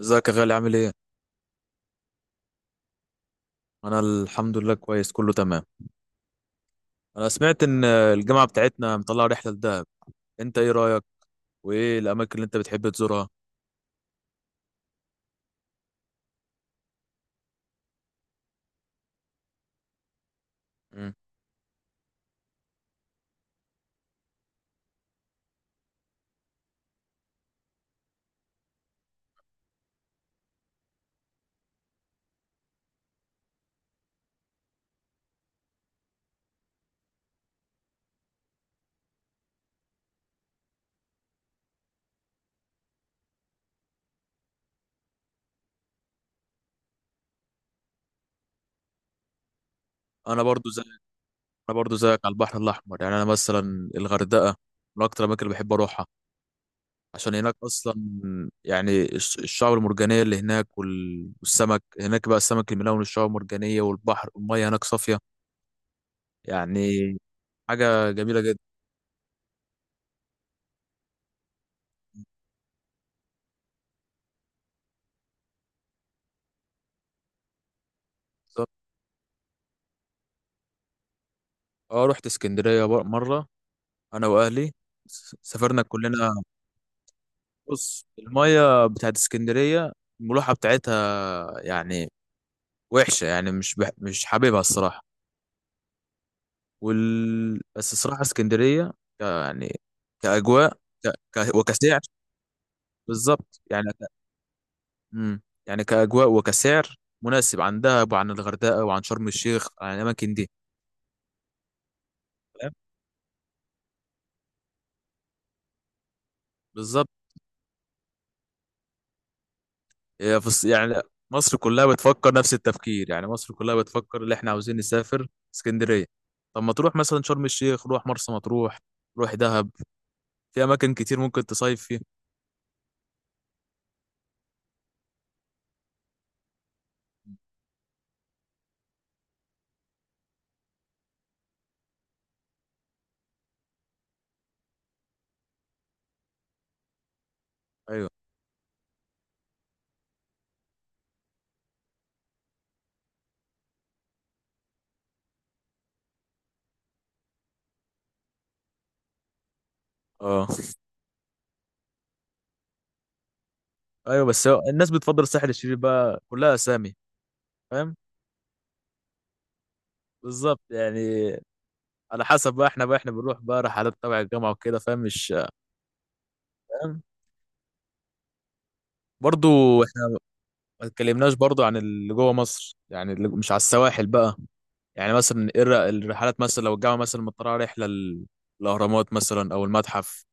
ازيك يا غالي، عامل ايه؟ انا الحمد لله، كويس، كله تمام. انا سمعت ان الجامعة بتاعتنا مطلعة رحلة لدهب. انت ايه رأيك؟ وايه الاماكن اللي انت بتحب تزورها؟ مم. انا برضو زيك انا برضو زيك على البحر الاحمر، يعني انا مثلا الغردقة من اكتر الاماكن اللي بحب اروحها، عشان هناك اصلا، يعني الشعاب المرجانية اللي هناك، والسمك هناك بقى، السمك الملون والشعاب المرجانية والبحر، والمية هناك صافية، يعني حاجة جميلة جدا. اه، رحت اسكندرية مرة، انا واهلي، سافرنا كلنا. بص، المية بتاعت اسكندرية، الملوحة بتاعتها، يعني وحشة، يعني مش حاببها الصراحة. بس الصراحة اسكندرية، يعني كأجواء، وكسعر، بالظبط يعني مم. يعني كأجواء وكسعر مناسب عن دهب وعن الغردقة وعن شرم الشيخ، عن الأماكن دي، فاهم؟ بالظبط. هي في يعني مصر كلها بتفكر نفس التفكير، يعني مصر كلها بتفكر اللي احنا عاوزين نسافر اسكندرية. طب ما تروح مثلا شرم الشيخ، روح مرسى مطروح، روح دهب، في اماكن كتير ممكن تصيف فيها. ايوه، اه، ايوه. بس هو الناس بتفضل الساحل الشرير بقى، كلها اسامي، فاهم؟ بالظبط يعني. على حسب بقى، احنا بنروح بقى رحلات تبع الجامعه وكده، فاهم؟ مش فاهم. برضو. احنا ما اتكلمناش برضو عن اللي جوه مصر، يعني اللي مش على السواحل بقى، يعني مثلا ايه الرحلات مثلا، لو الجامعه مثلا مطلعه رحله الاهرامات مثلا او المتحف،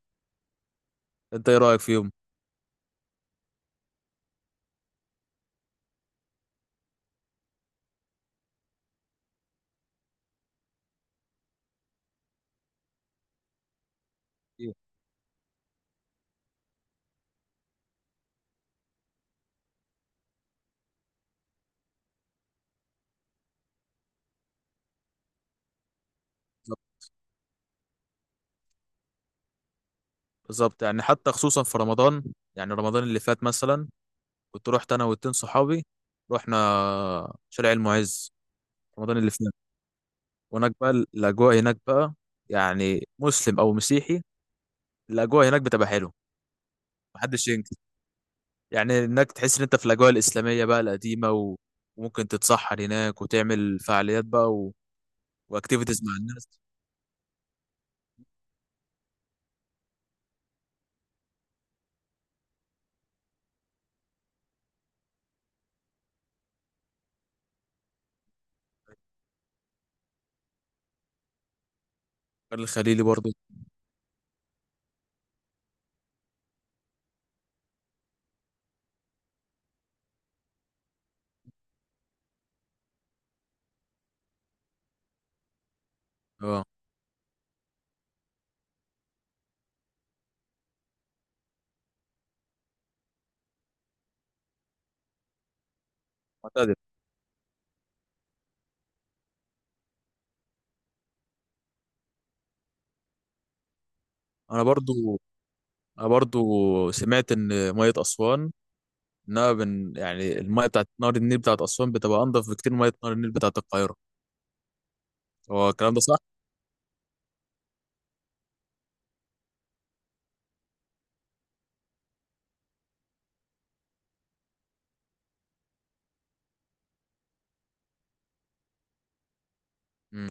انت ايه رايك فيهم؟ إيه. بالظبط. بالظبط. يعني حتى خصوصا في رمضان، يعني رمضان اللي فات مثلا، كنت رحت انا واتنين صحابي، رحنا شارع المعز، رمضان اللي فات. هناك بقى، الاجواء هناك بقى، يعني مسلم او مسيحي، الاجواء هناك بتبقى حلوه، محدش ينكر. يعني هناك تحس ان انت في الاجواء الاسلاميه بقى القديمه، وممكن تتسحر هناك وتعمل فعاليات بقى، واكتيفيتيز مع الناس. البر الخليلي برضو. اه، معتدل. انا برضو انا برضو سمعت ان ميه اسوان، انها، من، يعني الميه بتاعت نهر النيل بتاعت اسوان بتبقى انضف بكتير من ميه نهر النيل بتاعت القاهره، هو الكلام ده صح؟ مم.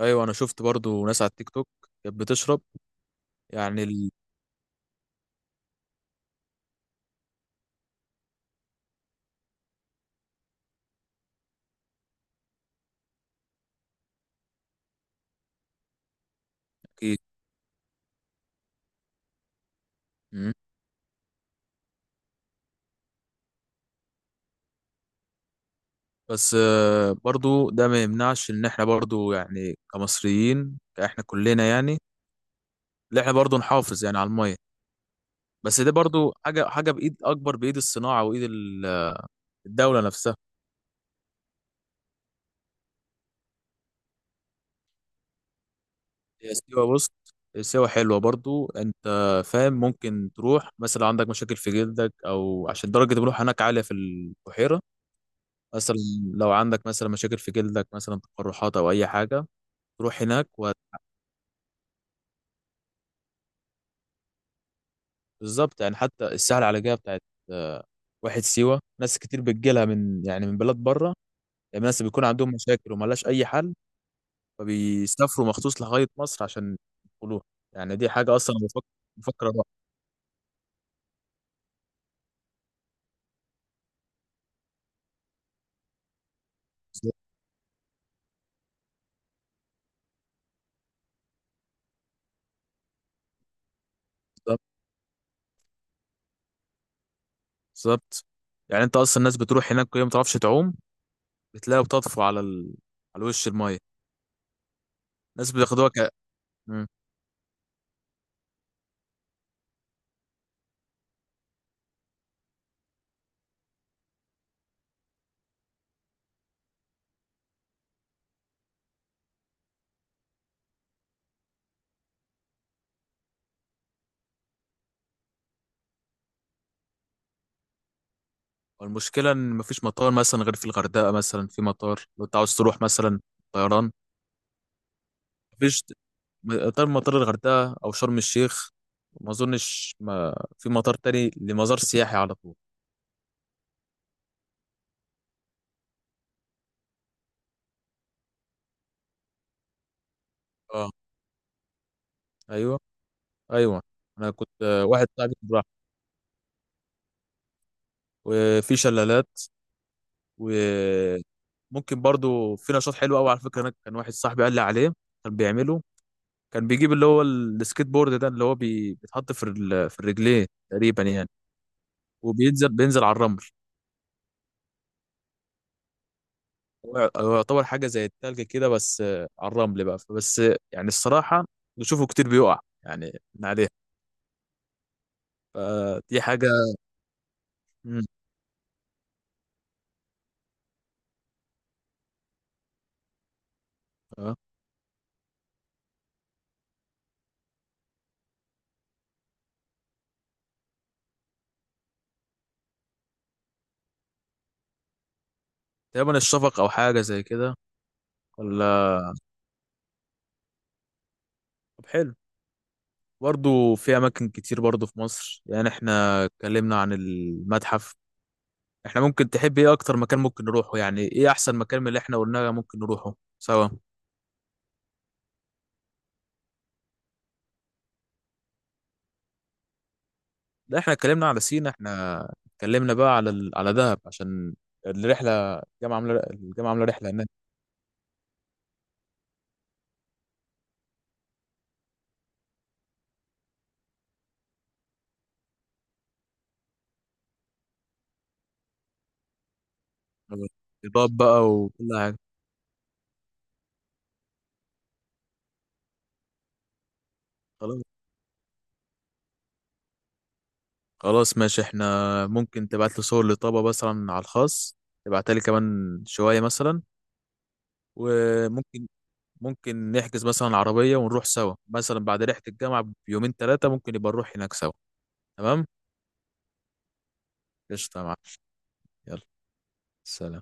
ايوه، انا شفت برضو ناس على التيك توك كانت بتشرب، يعني أكيد. مم. بس برضو ده ما يمنعش ان احنا برضو يعني كمصريين، احنا كلنا يعني ان احنا برضو نحافظ يعني على الميه. بس ده برضو حاجه بايد اكبر، بايد الصناعه، وايد الدوله نفسها. هي سيوه، بص، سيوه حلوه برضو، انت فاهم؟ ممكن تروح مثلا، عندك مشاكل في جلدك، او عشان درجه الملوحه هناك عاليه في البحيره مثلا، لو عندك مثلا مشاكل في جلدك مثلا، تقرحات او اي حاجه، تروح هناك بالظبط يعني، حتى الساحه العلاجيه بتاعت آه، واحد سيوه، ناس كتير بتجيلها من، يعني من بلاد بره، يعني ناس بيكون عندهم مشاكل وملهاش اي حل، فبيسافروا مخصوص لغايه مصر عشان يدخلوها، يعني دي حاجه اصلا أنا بفكر، اروح. بالظبط. بالظبط يعني، انت اصلا الناس بتروح هناك وهي ما بتعرفش تعوم، بتلاقيها بتطفو على على وش المايه، ناس بياخدوها مم. والمشكلة إن مفيش مطار مثلا غير في الغردقة مثلا، في مطار لو أنت عاوز تروح مثلا طيران، مفيش غير مطار الغردقة أو شرم الشيخ. ما أظنش ما في مطار تاني لمزار سياحي على طول. أه، أيوه، أيوه. أنا كنت واحد صاحبي راح. وفي شلالات، وممكن برضو في نشاط حلو أوي، على فكرة، أنا كان واحد صاحبي قال لي عليه، كان بيعمله، كان بيجيب اللي هو السكيت بورد ده، اللي هو بيتحط في في الرجلين تقريبا يعني، وبينزل على الرمل. هو يعتبر حاجة زي التلج كده، بس على الرمل بقى، فبس يعني الصراحة بشوفه كتير بيقع يعني من عليه، فدي حاجة. مم. آه. تقريبا الشفق أو حاجة زي كده، ولا؟ طب حلو. برضه في أماكن كتير برضه في مصر، يعني احنا اتكلمنا عن المتحف، احنا ممكن تحب ايه أكتر مكان ممكن نروحه؟ يعني ايه أحسن مكان من اللي احنا قلناه ممكن نروحه سوا؟ لا، احنا اتكلمنا على سينا، احنا اتكلمنا بقى على على دهب عشان الرحلة، الجامعة عاملة رحلة هناك. إضاءة بقى وكل حاجة. خلاص. خلاص ماشي، احنا ممكن تبعت لي صور لطابة مثلا على الخاص، تبعتها لي كمان شوية مثلا، وممكن نحجز مثلا عربية ونروح سوا مثلا بعد رحلة الجامعة بيومين ثلاثة، ممكن يبقى نروح هناك سوا. تمام. قشطة يا معلم. يلا. سلام.